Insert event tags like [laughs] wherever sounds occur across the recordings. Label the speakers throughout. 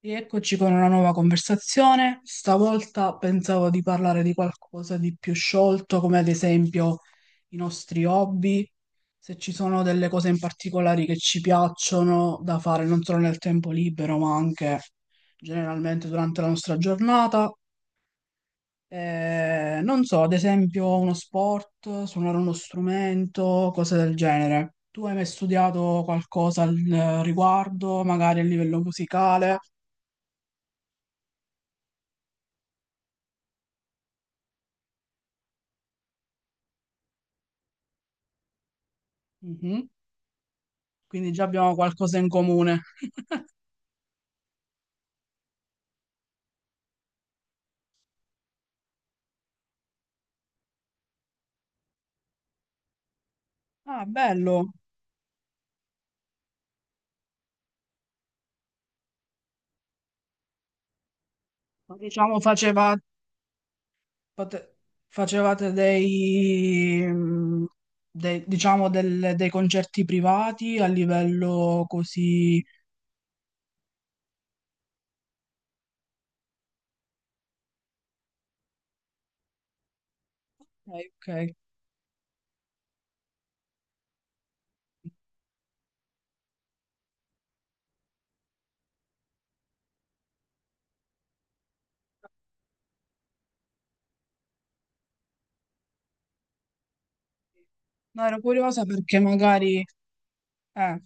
Speaker 1: Rieccoci con una nuova conversazione. Stavolta pensavo di parlare di qualcosa di più sciolto, come ad esempio i nostri hobby, se ci sono delle cose in particolare che ci piacciono da fare non solo nel tempo libero, ma anche generalmente durante la nostra giornata. Non so, ad esempio uno sport, suonare uno strumento, cose del genere. Tu hai mai studiato qualcosa al riguardo, magari a livello musicale? Mhm. Quindi già abbiamo qualcosa in comune. [laughs] Ah, bello. Ma diciamo pote- facevate dei, mm, dei- diciamo del- dei concerti privati a livello così. Ok, ok. No, ero curiosa perché magari. Eh,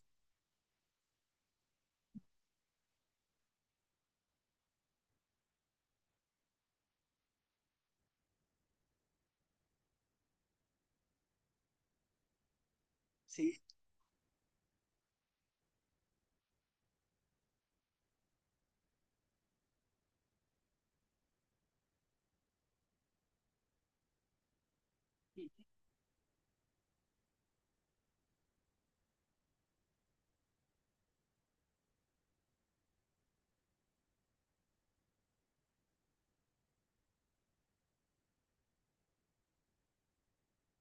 Speaker 1: sì.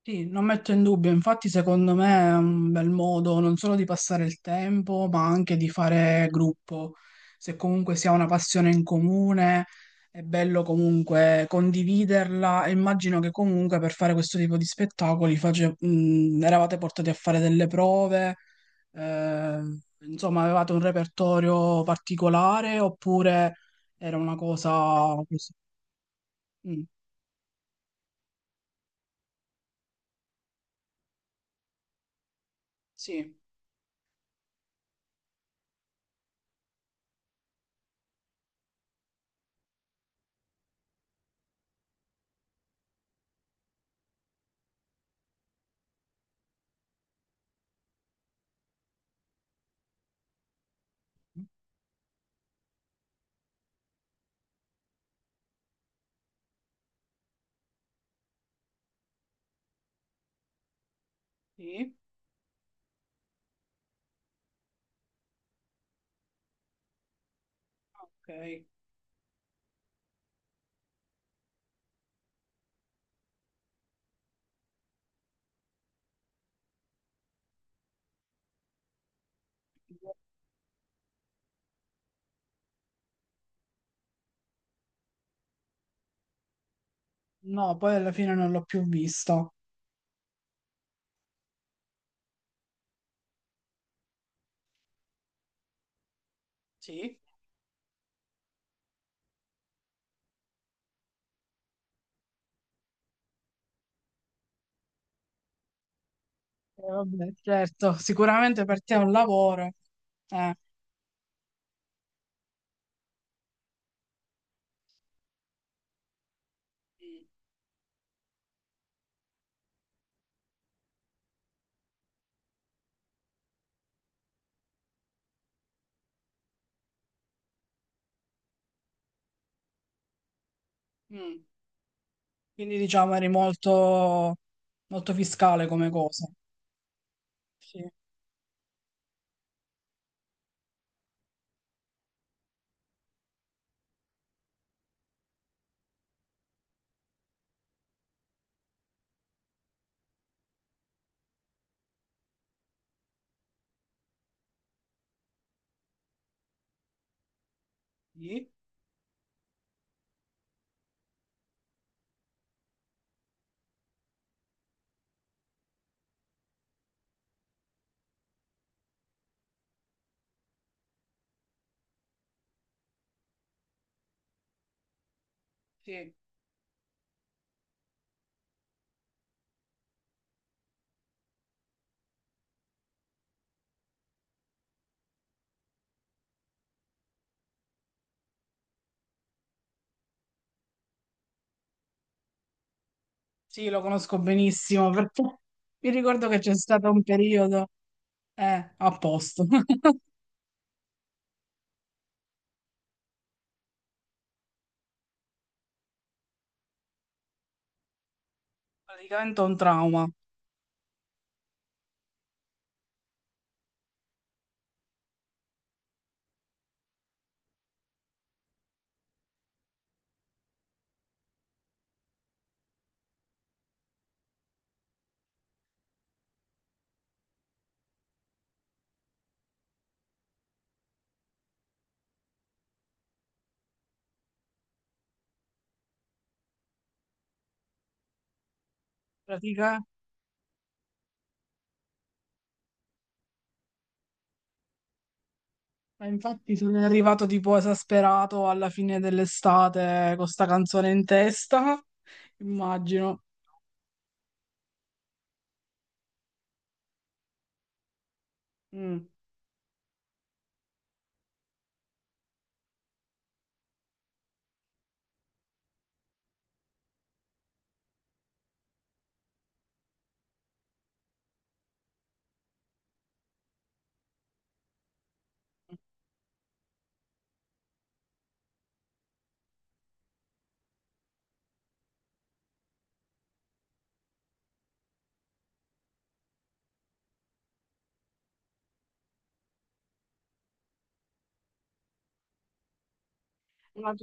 Speaker 1: Sì, non metto in dubbio, infatti secondo me è un bel modo non solo di passare il tempo, ma anche di fare gruppo. Se comunque si ha una passione in comune, è bello comunque condividerla e immagino che comunque per fare questo tipo di spettacoli eravate portati a fare delle prove, eh, insomma avevate un repertorio particolare oppure era una cosa così? Mm, sì, sì, ok. No, poi alla fine non l'ho più visto. Sì. Vabbè, certo, sicuramente per te è un lavoro. Eh. Mm. Mm. Quindi diciamo eri molto, molto fiscale come cosa. Sì. Sì. Sì. Sì, lo conosco benissimo [laughs] perché mi ricordo che c'è stato un periodo. Eh, a posto. [laughs] Praticamente un trauma. Pratica- Ma infatti sono arrivato tipo esasperato alla fine dell'estate con sta canzone in testa, [laughs] immagino. Mm. Una,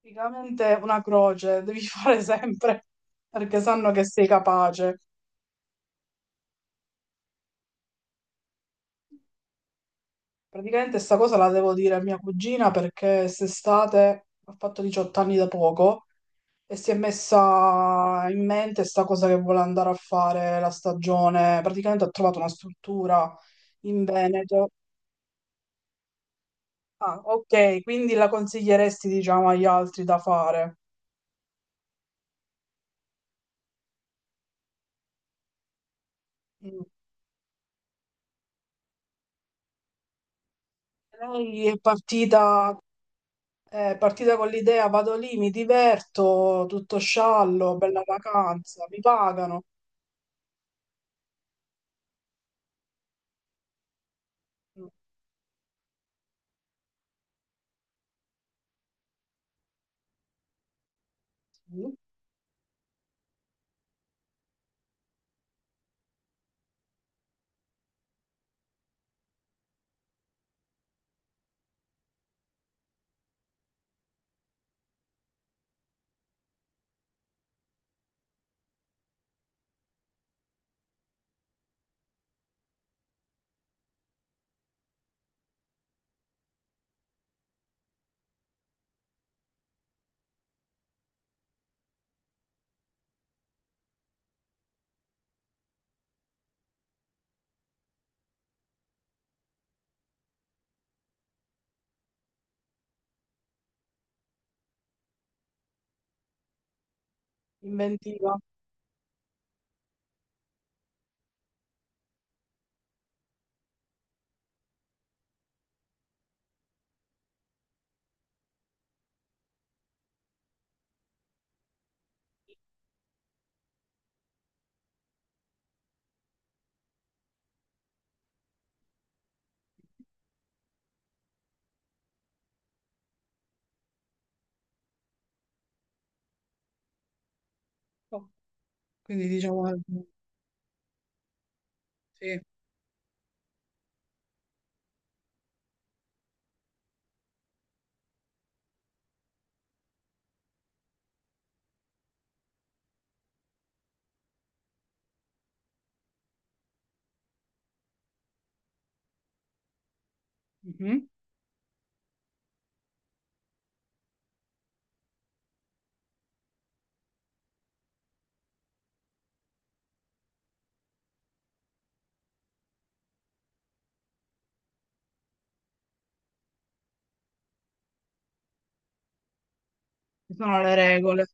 Speaker 1: praticamente una croce, devi [laughs] fare sempre perché sanno che sei capace. Praticamente sta cosa la devo dire a mia cugina perché quest'estate ha fatto 18 anni da poco e si è messa in mente sta cosa che vuole andare a fare la stagione. Praticamente ha trovato una struttura in Veneto. Ah, ok, quindi la consiglieresti, diciamo, agli altri da fare. Mm. Lei è partita con l'idea, vado lì, mi diverto, tutto sciallo, bella vacanza, mi pagano. Mm. Inventiva. Oh, quindi diciamo, sì, mhm. Ci sono le regole.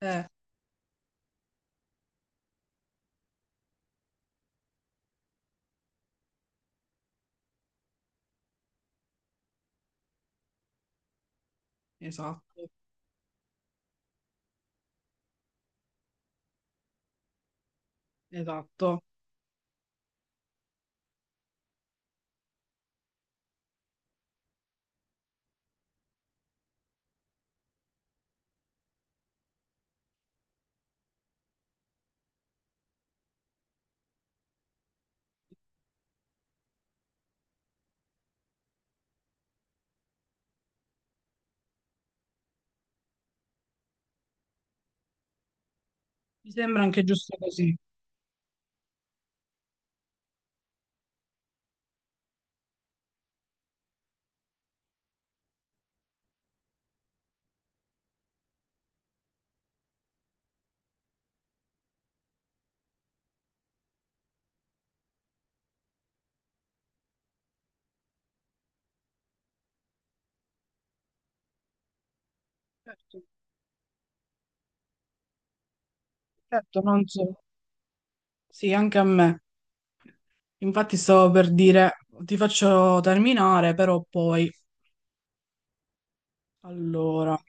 Speaker 1: Eh, esatto, esatto. Mi sembra anche giusto così. Certo, certo, non so. Sì, anche a me. Infatti stavo per dire, ti faccio terminare, però poi. Allora,